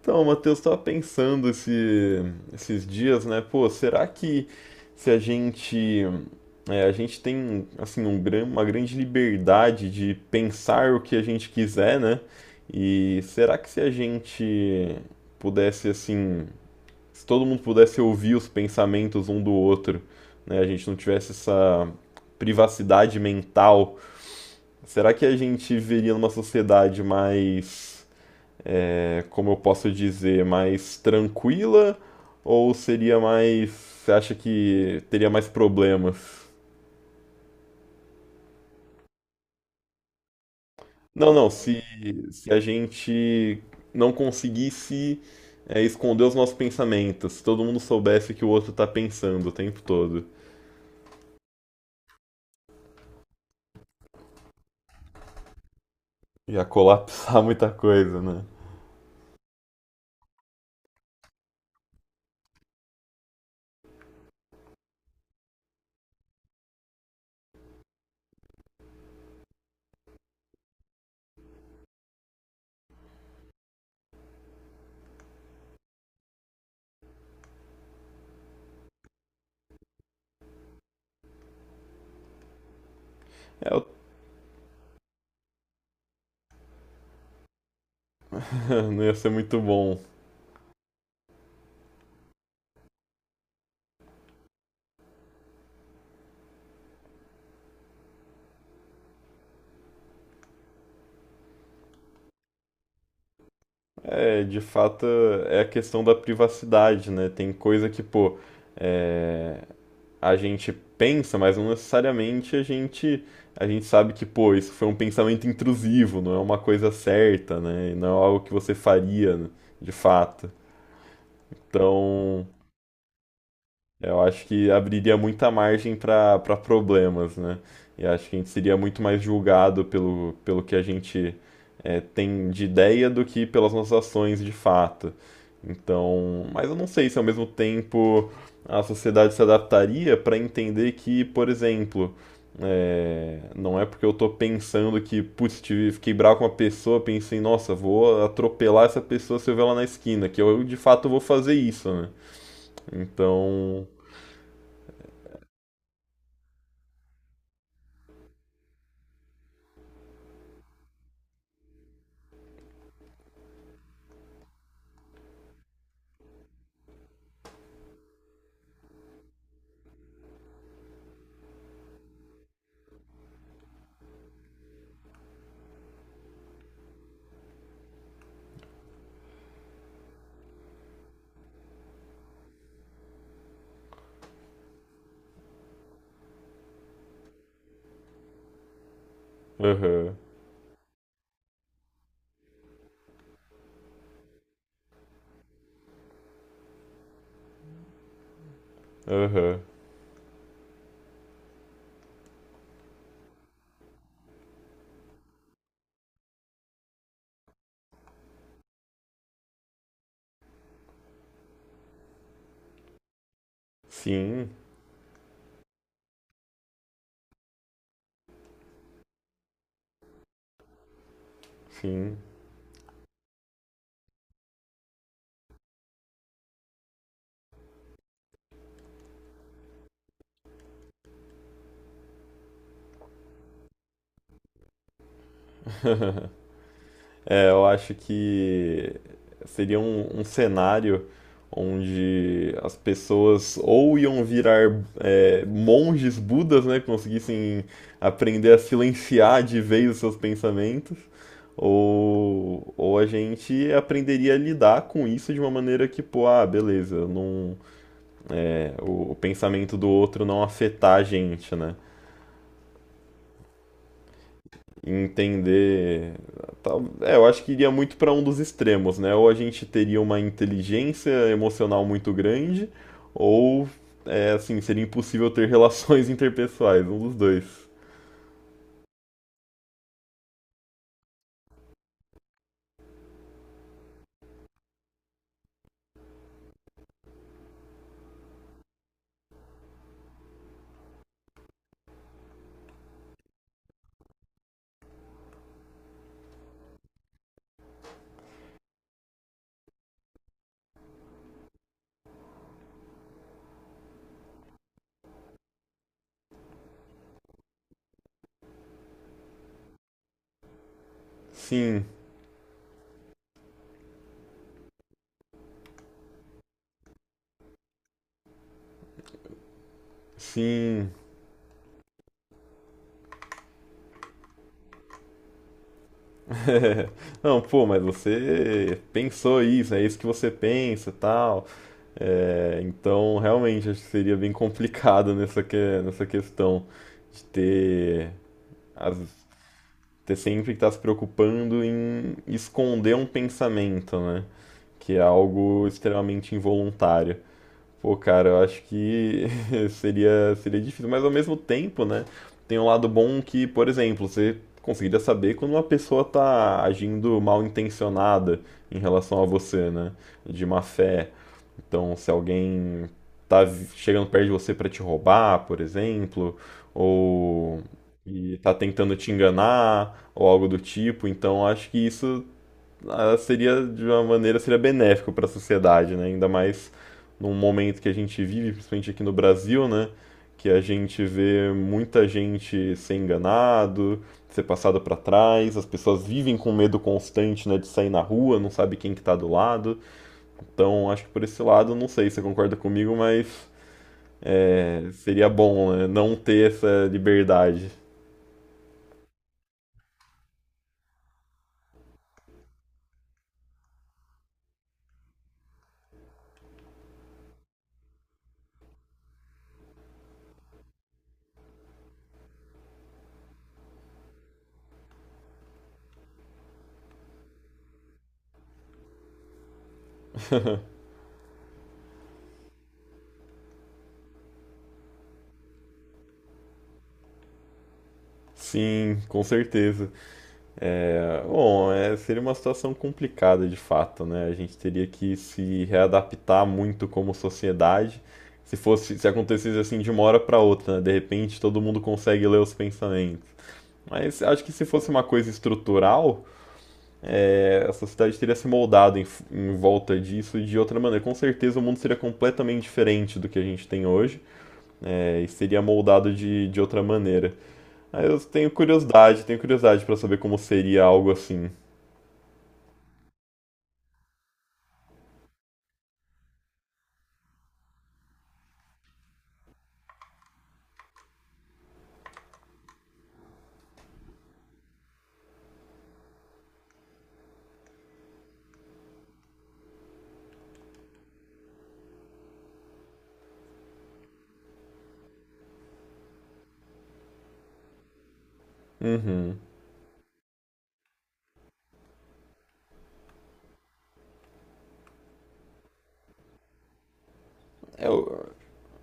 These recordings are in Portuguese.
Então, Matheus, esses dias, né? Pô, será que se a gente a gente tem assim um uma grande liberdade de pensar o que a gente quiser, né? E será que se a gente pudesse assim, se todo mundo pudesse ouvir os pensamentos um do outro, né? A gente não tivesse essa privacidade mental, será que a gente viveria numa sociedade mais como eu posso dizer, mais tranquila ou seria mais, você acha que teria mais problemas? Não, não, se a gente não conseguisse esconder os nossos pensamentos, se todo mundo soubesse o que o outro tá pensando o tempo todo, ia colapsar muita coisa, né? É, eu- não ia ser muito bom. É, de fato, é a questão da privacidade, né? Tem coisa que, pô, é, a gente pensa, mas não necessariamente a gente sabe que, pô, isso foi um pensamento intrusivo, não é uma coisa certa, né? Não é algo que você faria, né, de fato. Então, eu acho que abriria muita margem para problemas, né? E acho que a gente seria muito mais julgado pelo que a gente tem de ideia do que pelas nossas ações de fato. Então, mas eu não sei se ao mesmo tempo a sociedade se adaptaria para entender que, por exemplo, não é porque eu tô pensando que, putz, tive, fiquei bravo com uma pessoa, pensei, nossa, vou atropelar essa pessoa se eu ver ela na esquina, que eu de fato vou fazer isso, né? Então, aham, aham. Sim, sim. É, eu acho que seria um, um cenário onde as pessoas ou iam virar monges budas, né, que conseguissem aprender a silenciar de vez os seus pensamentos, ou a gente aprenderia a lidar com isso de uma maneira que, pô, ah, beleza, não, o pensamento do outro não afetar a gente, né? Entender. É, eu acho que iria muito para um dos extremos, né? Ou a gente teria uma inteligência emocional muito grande, ou é assim, seria impossível ter relações interpessoais, um dos dois. Sim, sim. Não, pô, mas você pensou isso, é isso que você pensa, e tal. É, então, realmente, acho que seria bem complicado nessa questão de ter as ter sempre está se preocupando em esconder um pensamento, né? Que é algo extremamente involuntário. Pô, cara, eu acho que seria, seria difícil, mas ao mesmo tempo, né? Tem um lado bom que, por exemplo, você conseguiria saber quando uma pessoa tá agindo mal intencionada em relação a você, né? De má fé. Então, se alguém chegando perto de você para te roubar, por exemplo, ou e tá tentando te enganar, ou algo do tipo, então acho que isso ah, seria de uma maneira seria benéfico para a sociedade, né? Ainda mais num momento que a gente vive, principalmente aqui no Brasil, né? Que a gente vê muita gente ser enganado, ser passado para trás, as pessoas vivem com medo constante, né, de sair na rua, não sabe quem que tá do lado. Então, acho que por esse lado, não sei se você concorda comigo, mas seria bom, né, não ter essa liberdade. Sim, com certeza. É, bom, é, seria uma situação complicada de fato, né? A gente teria que se readaptar muito como sociedade. Se fosse, se acontecesse assim de uma hora para outra, né? De repente todo mundo consegue ler os pensamentos. Mas acho que se fosse uma coisa estrutural, a sociedade teria se moldado em, em volta disso de outra maneira. Com certeza o mundo seria completamente diferente do que a gente tem hoje e seria moldado de outra maneira. Aí eu tenho curiosidade para saber como seria algo assim. Uhum. Eu,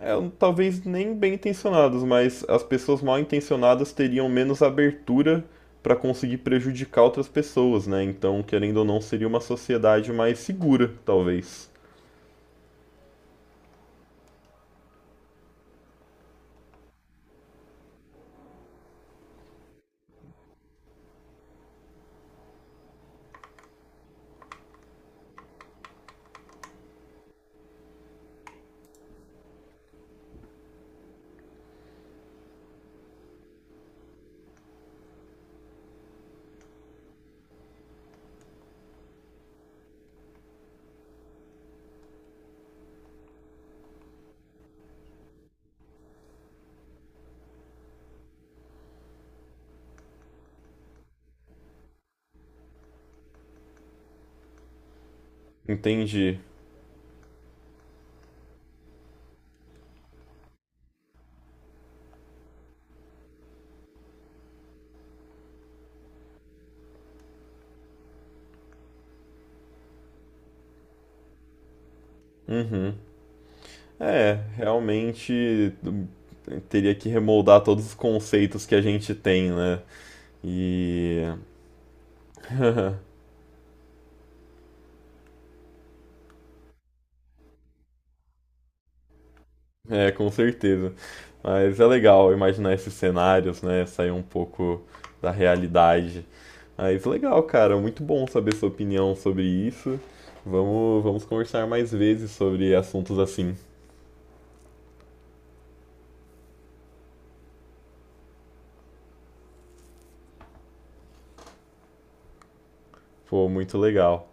eu, talvez nem bem intencionados, mas as pessoas mal intencionadas teriam menos abertura para conseguir prejudicar outras pessoas, né? Então, querendo ou não, seria uma sociedade mais segura, talvez. Entendi. Uhum. É, realmente teria que remoldar todos os conceitos que a gente tem, né? E é, com certeza. Mas é legal imaginar esses cenários, né? Sair um pouco da realidade. Mas legal, cara, muito bom saber sua opinião sobre isso. Vamos, vamos conversar mais vezes sobre assuntos assim. Pô, muito legal.